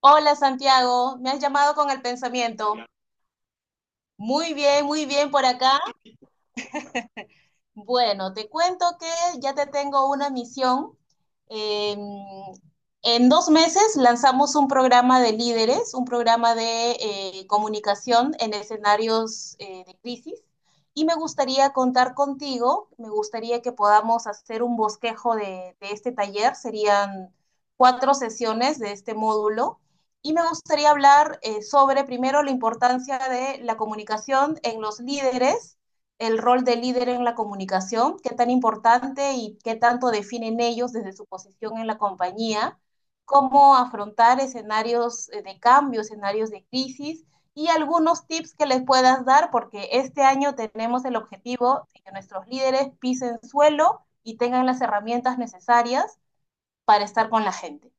Hola Santiago, me has llamado con el pensamiento. Muy bien por acá, bueno, te cuento que ya te tengo una misión. Eh, en 2 meses lanzamos un programa de líderes, un programa de comunicación en escenarios de crisis. Y me gustaría contar contigo, me gustaría que podamos hacer un bosquejo de este taller. Serían 4 sesiones de este módulo. Y me gustaría hablar sobre, primero, la importancia de la comunicación en los líderes, el rol de líder en la comunicación, qué tan importante y qué tanto definen ellos desde su posición en la compañía, cómo afrontar escenarios de cambio, escenarios de crisis y algunos tips que les puedas dar, porque este año tenemos el objetivo de que nuestros líderes pisen suelo y tengan las herramientas necesarias para estar con la gente.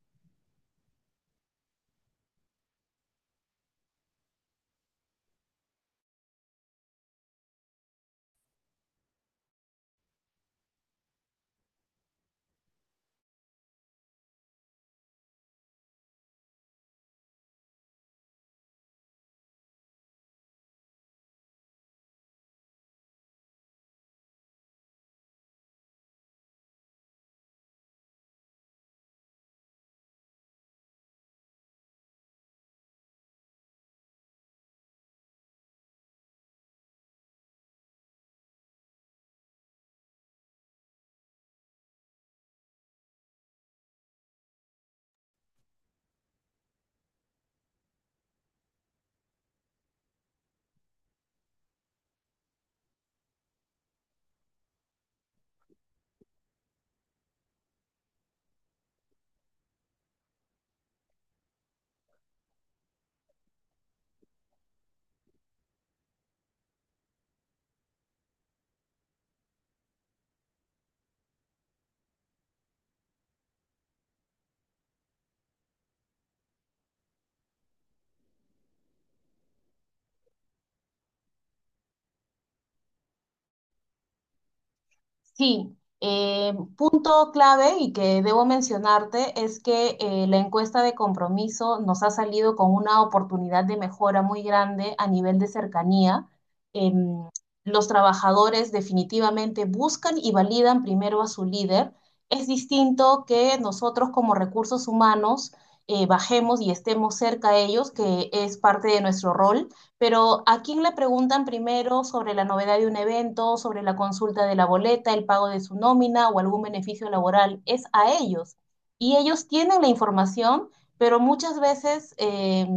Sí, punto clave y que debo mencionarte es que la encuesta de compromiso nos ha salido con una oportunidad de mejora muy grande a nivel de cercanía. Em, los trabajadores definitivamente buscan y validan primero a su líder. Es distinto que nosotros como recursos humanos bajemos y estemos cerca a ellos, que es parte de nuestro rol, pero ¿a quién le preguntan primero sobre la novedad de un evento, sobre la consulta de la boleta, el pago de su nómina o algún beneficio laboral? Es a ellos. Y ellos tienen la información, pero muchas veces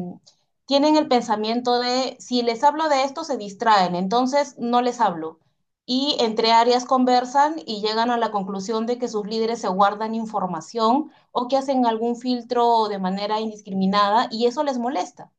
tienen el pensamiento de, si les hablo de esto, se distraen, entonces no les hablo. Y entre áreas conversan y llegan a la conclusión de que sus líderes se guardan información o que hacen algún filtro de manera indiscriminada y eso les molesta.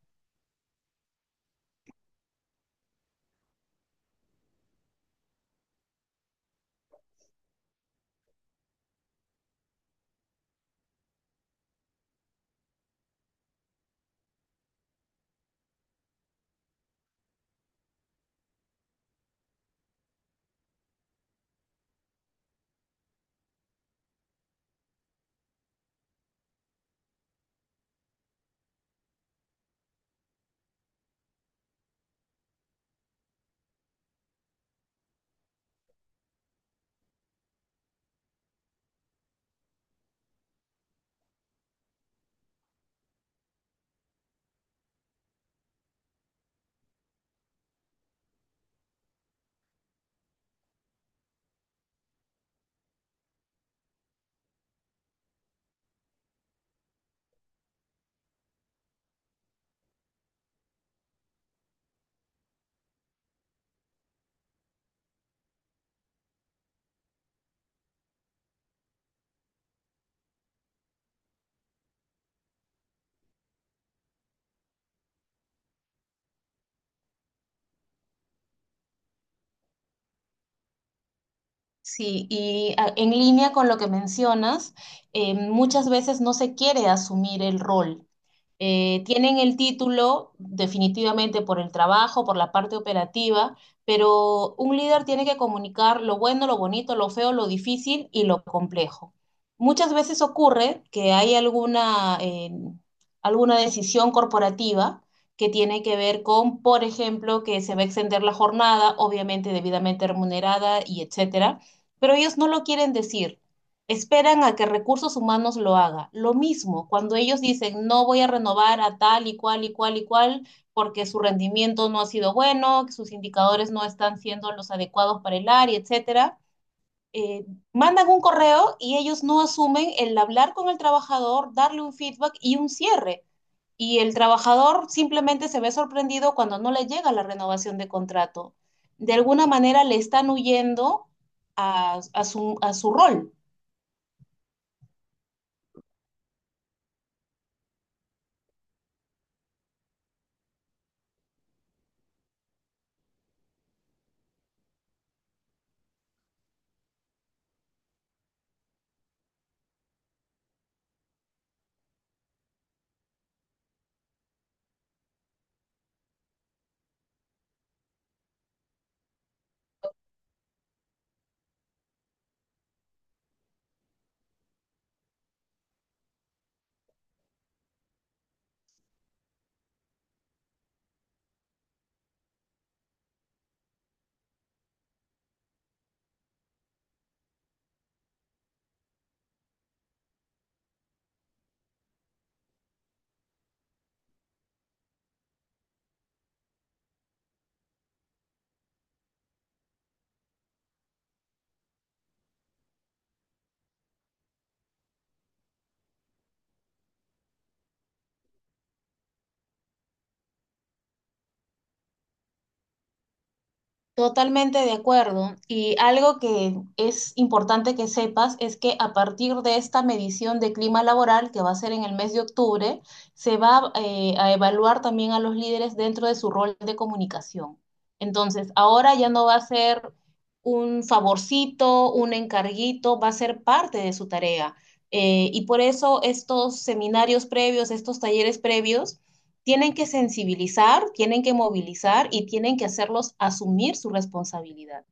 Sí, y en línea con lo que mencionas, muchas veces no se quiere asumir el rol. Tienen el título definitivamente por el trabajo, por la parte operativa, pero un líder tiene que comunicar lo bueno, lo bonito, lo feo, lo difícil y lo complejo. Muchas veces ocurre que hay alguna decisión corporativa que tiene que ver con, por ejemplo, que se va a extender la jornada, obviamente debidamente remunerada y etcétera, pero ellos no lo quieren decir. Esperan a que recursos humanos lo haga. Lo mismo, cuando ellos dicen, no voy a renovar a tal y cual y cual y cual porque su rendimiento no ha sido bueno, que sus indicadores no están siendo los adecuados para el área, etcétera, eh, mandan un correo y ellos no asumen el hablar con el trabajador, darle un feedback y un cierre. Y el trabajador simplemente se ve sorprendido cuando no le llega la renovación de contrato. De alguna manera le están huyendo a su rol. Totalmente de acuerdo. Y algo que es importante que sepas es que a partir de esta medición de clima laboral, que va a ser en el mes de octubre, se va a evaluar también a los líderes dentro de su rol de comunicación. Entonces, ahora ya no va a ser un favorcito, un encarguito, va a ser parte de su tarea. Y por eso estos seminarios previos, estos talleres previos, tienen que sensibilizar, tienen que movilizar y tienen que hacerlos asumir su responsabilidad.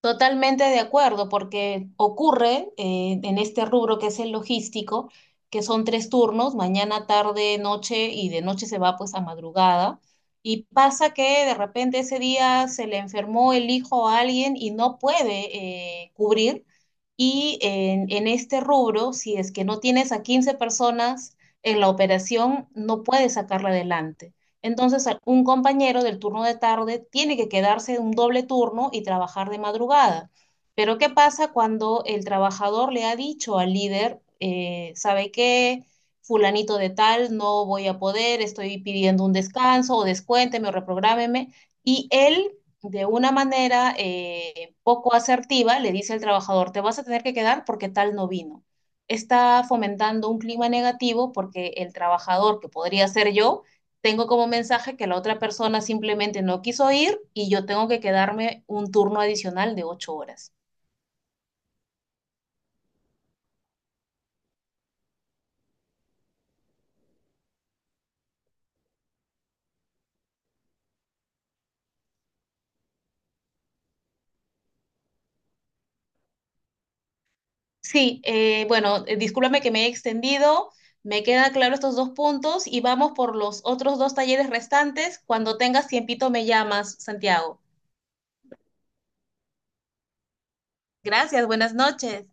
Totalmente de acuerdo, porque ocurre en este rubro que es el logístico, que son 3 turnos, mañana, tarde, noche, y de noche se va pues a madrugada. Y pasa que de repente ese día se le enfermó el hijo a alguien y no puede cubrir. Y en este rubro, si es que no tienes a 15 personas en la operación, no puedes sacarla adelante. Entonces, un compañero del turno de tarde tiene que quedarse un doble turno y trabajar de madrugada. Pero ¿qué pasa cuando el trabajador le ha dicho al líder, ¿sabe qué? Fulanito de tal, no voy a poder, estoy pidiendo un descanso o descuénteme o reprográmeme. Y él, de una manera poco asertiva, le dice al trabajador, te vas a tener que quedar porque tal no vino. Está fomentando un clima negativo porque el trabajador, que podría ser yo, tengo como mensaje que la otra persona simplemente no quiso ir y yo tengo que quedarme un turno adicional de 8 horas. Sí, bueno, discúlpame que me he extendido, me quedan claros estos dos puntos y vamos por los otros dos talleres restantes. Cuando tengas tiempito me llamas, Santiago. Gracias, buenas noches.